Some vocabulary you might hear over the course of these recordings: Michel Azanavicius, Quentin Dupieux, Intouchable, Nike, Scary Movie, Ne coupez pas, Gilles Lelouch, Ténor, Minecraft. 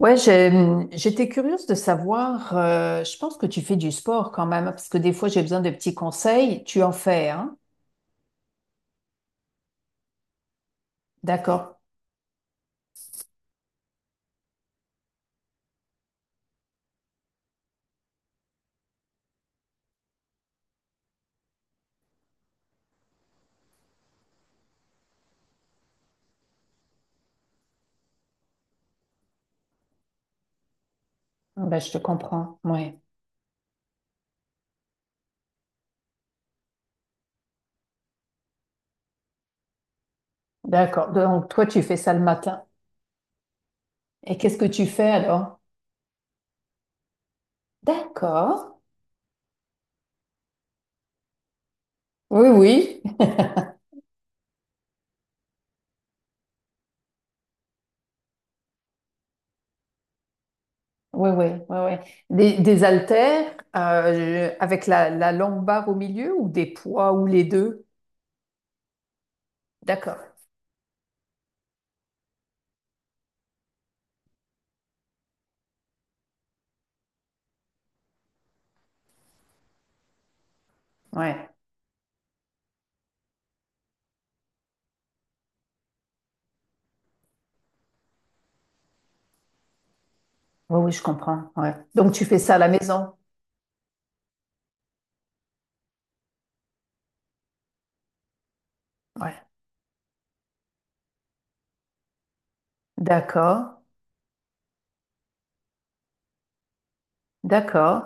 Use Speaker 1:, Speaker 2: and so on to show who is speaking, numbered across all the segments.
Speaker 1: Ouais, j'étais curieuse de savoir, je pense que tu fais du sport quand même, parce que des fois j'ai besoin de petits conseils. Tu en fais, hein? D'accord. Ah ben, je te comprends. Ouais. D'accord. Donc toi, tu fais ça le matin. Et qu'est-ce que tu fais alors? D'accord. Oui, oui. Oui, oui, oui, oui. Des haltères avec la longue barre au milieu ou des poids ou les deux? D'accord. Ouais. Oui, oui, je comprends. Ouais. Donc tu fais ça à la maison? Ouais. D'accord. D'accord.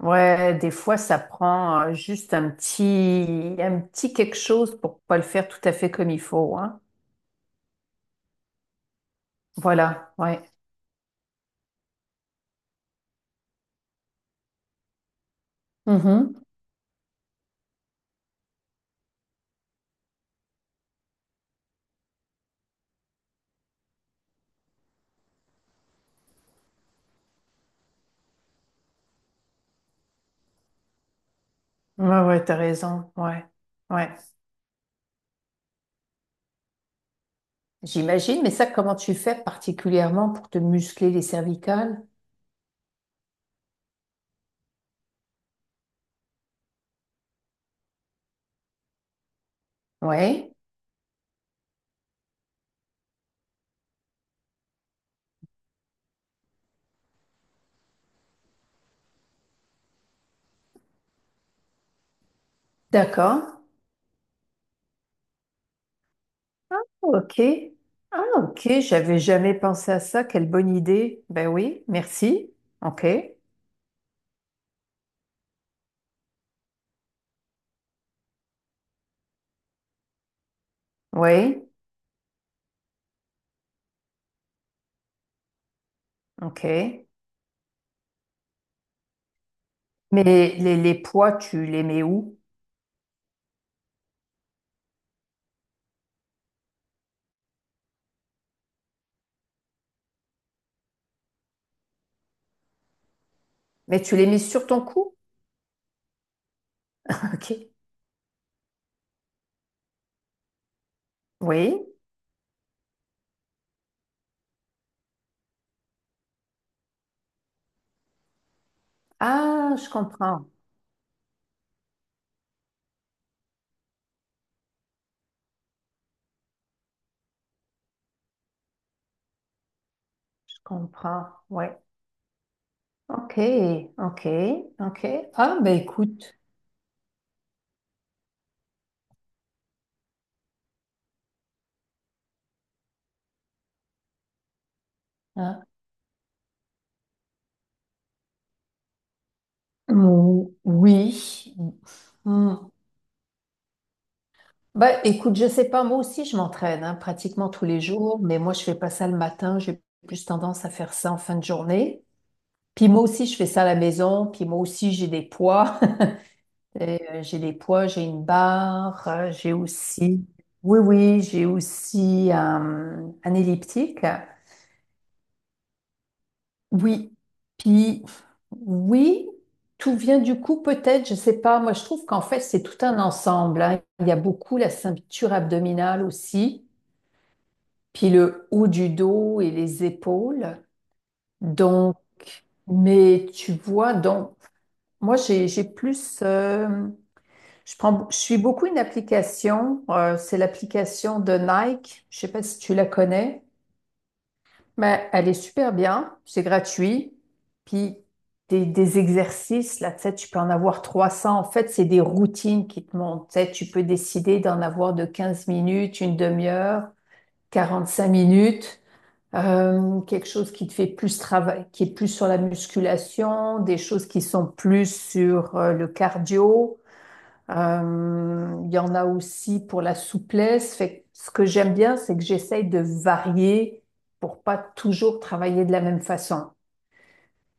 Speaker 1: Ouais, des fois, ça prend juste un petit quelque chose pour pas le faire tout à fait comme il faut, hein. Voilà, ouais. Mhm. Ouais, ouais, t'as raison, ouais, ouais. J'imagine, mais ça, comment tu fais particulièrement pour te muscler les cervicales? Ouais, d'accord, ok. Ah, ok, j'avais jamais pensé à ça, quelle bonne idée. Ben oui, merci, ok, oui, ok. Mais les poids, tu les mets où? Mais tu les mets sur ton cou? Ok. Oui. Ah, je comprends. Je comprends. Oui. Ok. Ok. Ok. Ah, ben écoute, hein. Oui. Hmm. Ben écoute, je sais pas. Moi aussi, je m'entraîne hein, pratiquement tous les jours, mais moi, je fais pas ça le matin. J'ai plus tendance à faire ça en fin de journée. Puis moi aussi, je fais ça à la maison. Puis moi aussi, j'ai des poids. Et, j'ai des poids, j'ai une barre, j'ai aussi. Oui, oui, j'ai aussi un elliptique. Oui, puis oui, tout vient du coup peut-être, je sais pas. Moi, je trouve qu'en fait, c'est tout un ensemble, hein. Il y a beaucoup la ceinture abdominale aussi, puis le haut du dos et les épaules. Donc, mais tu vois, donc, moi, j'ai plus, je prends, je suis beaucoup une application, c'est l'application de Nike, je sais pas si tu la connais. Ben, elle est super bien, c'est gratuit. Puis des exercices, là, tu sais, tu peux en avoir 300. En fait, c'est des routines qui te montent. Tu sais, tu peux décider d'en avoir de 15 minutes, une demi-heure, 45 minutes, quelque chose qui te fait plus travail, qui est plus sur la musculation, des choses qui sont plus sur le cardio. Il y en a aussi pour la souplesse. Fait que ce que j'aime bien, c'est que j'essaye de varier pour pas toujours travailler de la même façon.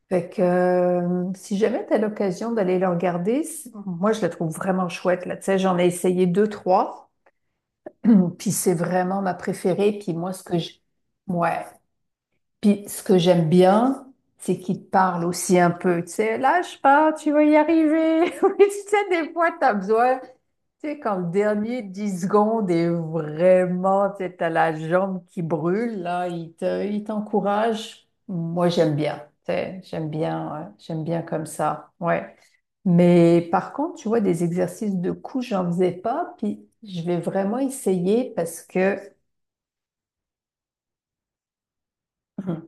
Speaker 1: Fait que si jamais tu as l'occasion d'aller le regarder, moi je la trouve vraiment chouette là. Tu sais, j'en ai essayé deux, trois, puis c'est vraiment ma préférée. Puis moi, ouais, puis ce que j'aime bien, c'est qu'il te parle aussi un peu. Tu sais, lâche pas, tu vas y arriver. Oui, tu sais, des fois, t'as besoin tu sais, quand le dernier 10 secondes est vraiment, tu sais, t'as la jambe qui brûle, là, il t'encourage. Moi, j'aime bien, tu sais, j'aime bien, ouais, j'aime bien comme ça, ouais. Mais par contre, tu vois, des exercices de coups, j'en faisais pas, puis je vais vraiment essayer parce que, hum,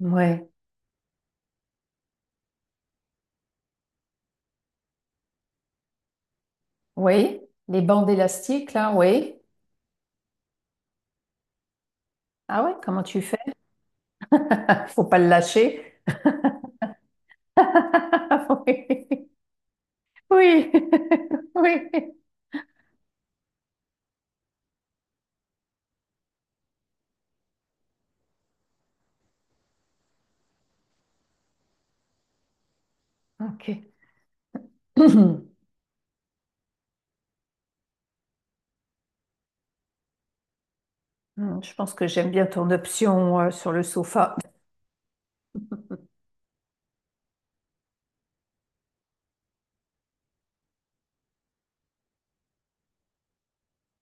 Speaker 1: ouais, oui, les bandes élastiques, là, oui. Ah ouais, comment tu fais? Faut pas le lâcher. Oui, oui, oui, ok. Hmm, je pense que j'aime bien ton option sur le sofa.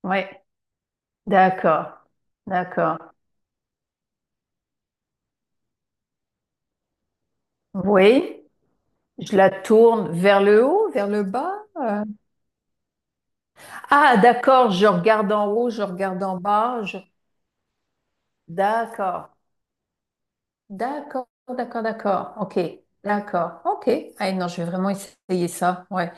Speaker 1: Ouais, d'accord, d'accord. Oui, je la tourne vers le haut, vers le bas. Ah, d'accord, je regarde en haut, je regarde en bas. D'accord, d'accord, d'accord, d'accord. Ok, d'accord, ok. Ah non, je vais vraiment essayer ça. Ouais.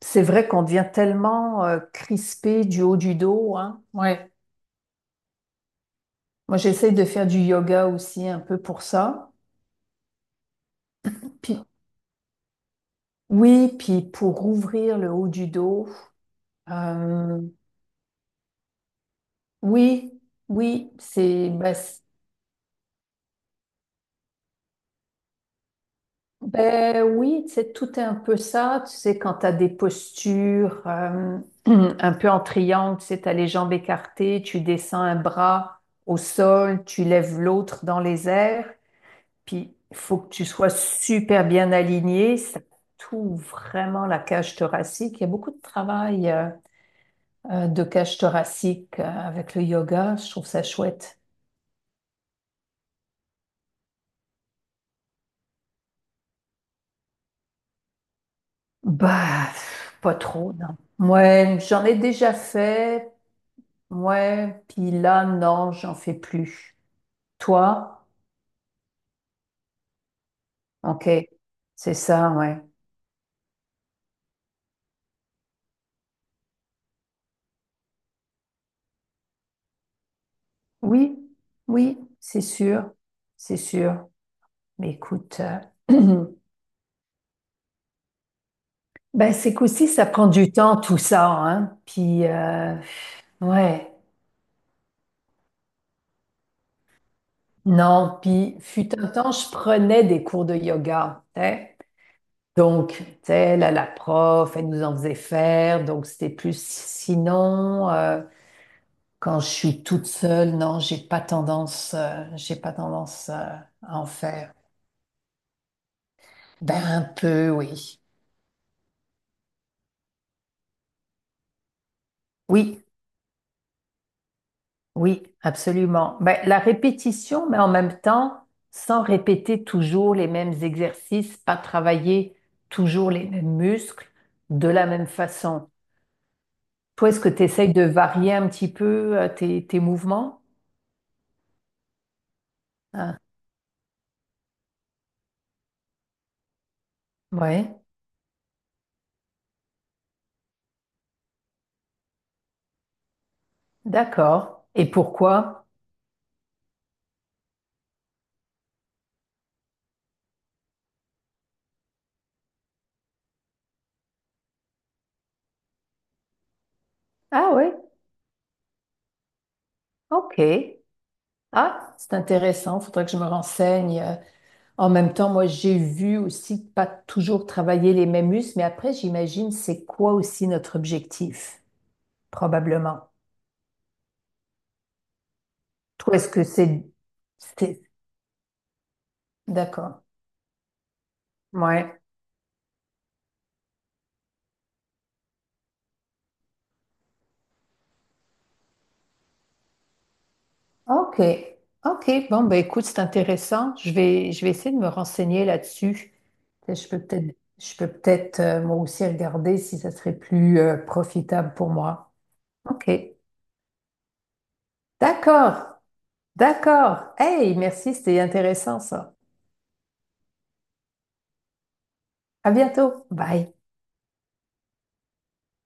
Speaker 1: C'est vrai qu'on devient tellement crispé du haut du dos, hein. Ouais. Moi, j'essaie de faire du yoga aussi un peu pour ça. Puis, oui, puis pour ouvrir le haut du dos, euh, oui, oui, ben oui, c'est tout est un peu ça, tu sais, quand tu as des postures un peu en triangle, tu sais, tu as les jambes écartées, tu descends un bras au sol, tu lèves l'autre dans les airs, puis il faut que tu sois super bien aligné, ça tout vraiment la cage thoracique, il y a beaucoup de travail, de cage thoracique, avec le yoga. Je trouve ça chouette. Bah, pff, pas trop, non. Ouais, j'en ai déjà fait. Ouais, puis là, non, j'en fais plus. Toi? Ok, c'est ça, ouais. Oui, oui, c'est sûr, c'est sûr. Mais écoute, euh, ben c'est qu'aussi, ça prend du temps, tout ça, hein. Puis, ouais, non, puis fut un temps, je prenais des cours de yoga, hein. Donc, tu sais, là, la prof, elle nous en faisait faire. Donc, c'était plus sinon, quand je suis toute seule, non, j'ai pas tendance, à en faire. Ben, un peu, oui. Oui, oui, absolument. Ben, la répétition, mais en même temps, sans répéter toujours les mêmes exercices, pas travailler toujours les mêmes muscles de la même façon. Toi, est-ce que tu essayes de varier un petit peu, tes mouvements? Hein? Ouais. D'accord. Et pourquoi? Ah oui, ok. Ah, c'est intéressant. Faudrait que je me renseigne. En même temps, moi, j'ai vu aussi pas toujours travailler les mêmes muscles, mais après, j'imagine c'est quoi aussi notre objectif, probablement. Toi, est-ce que c'est? D'accord. Ouais. Ok. Ok. Bon, ben écoute, c'est intéressant. Je vais essayer de me renseigner là-dessus. Je peux peut-être moi aussi regarder si ça serait plus profitable pour moi. Ok. D'accord. D'accord. Hey, merci, c'était intéressant ça. À bientôt. Bye.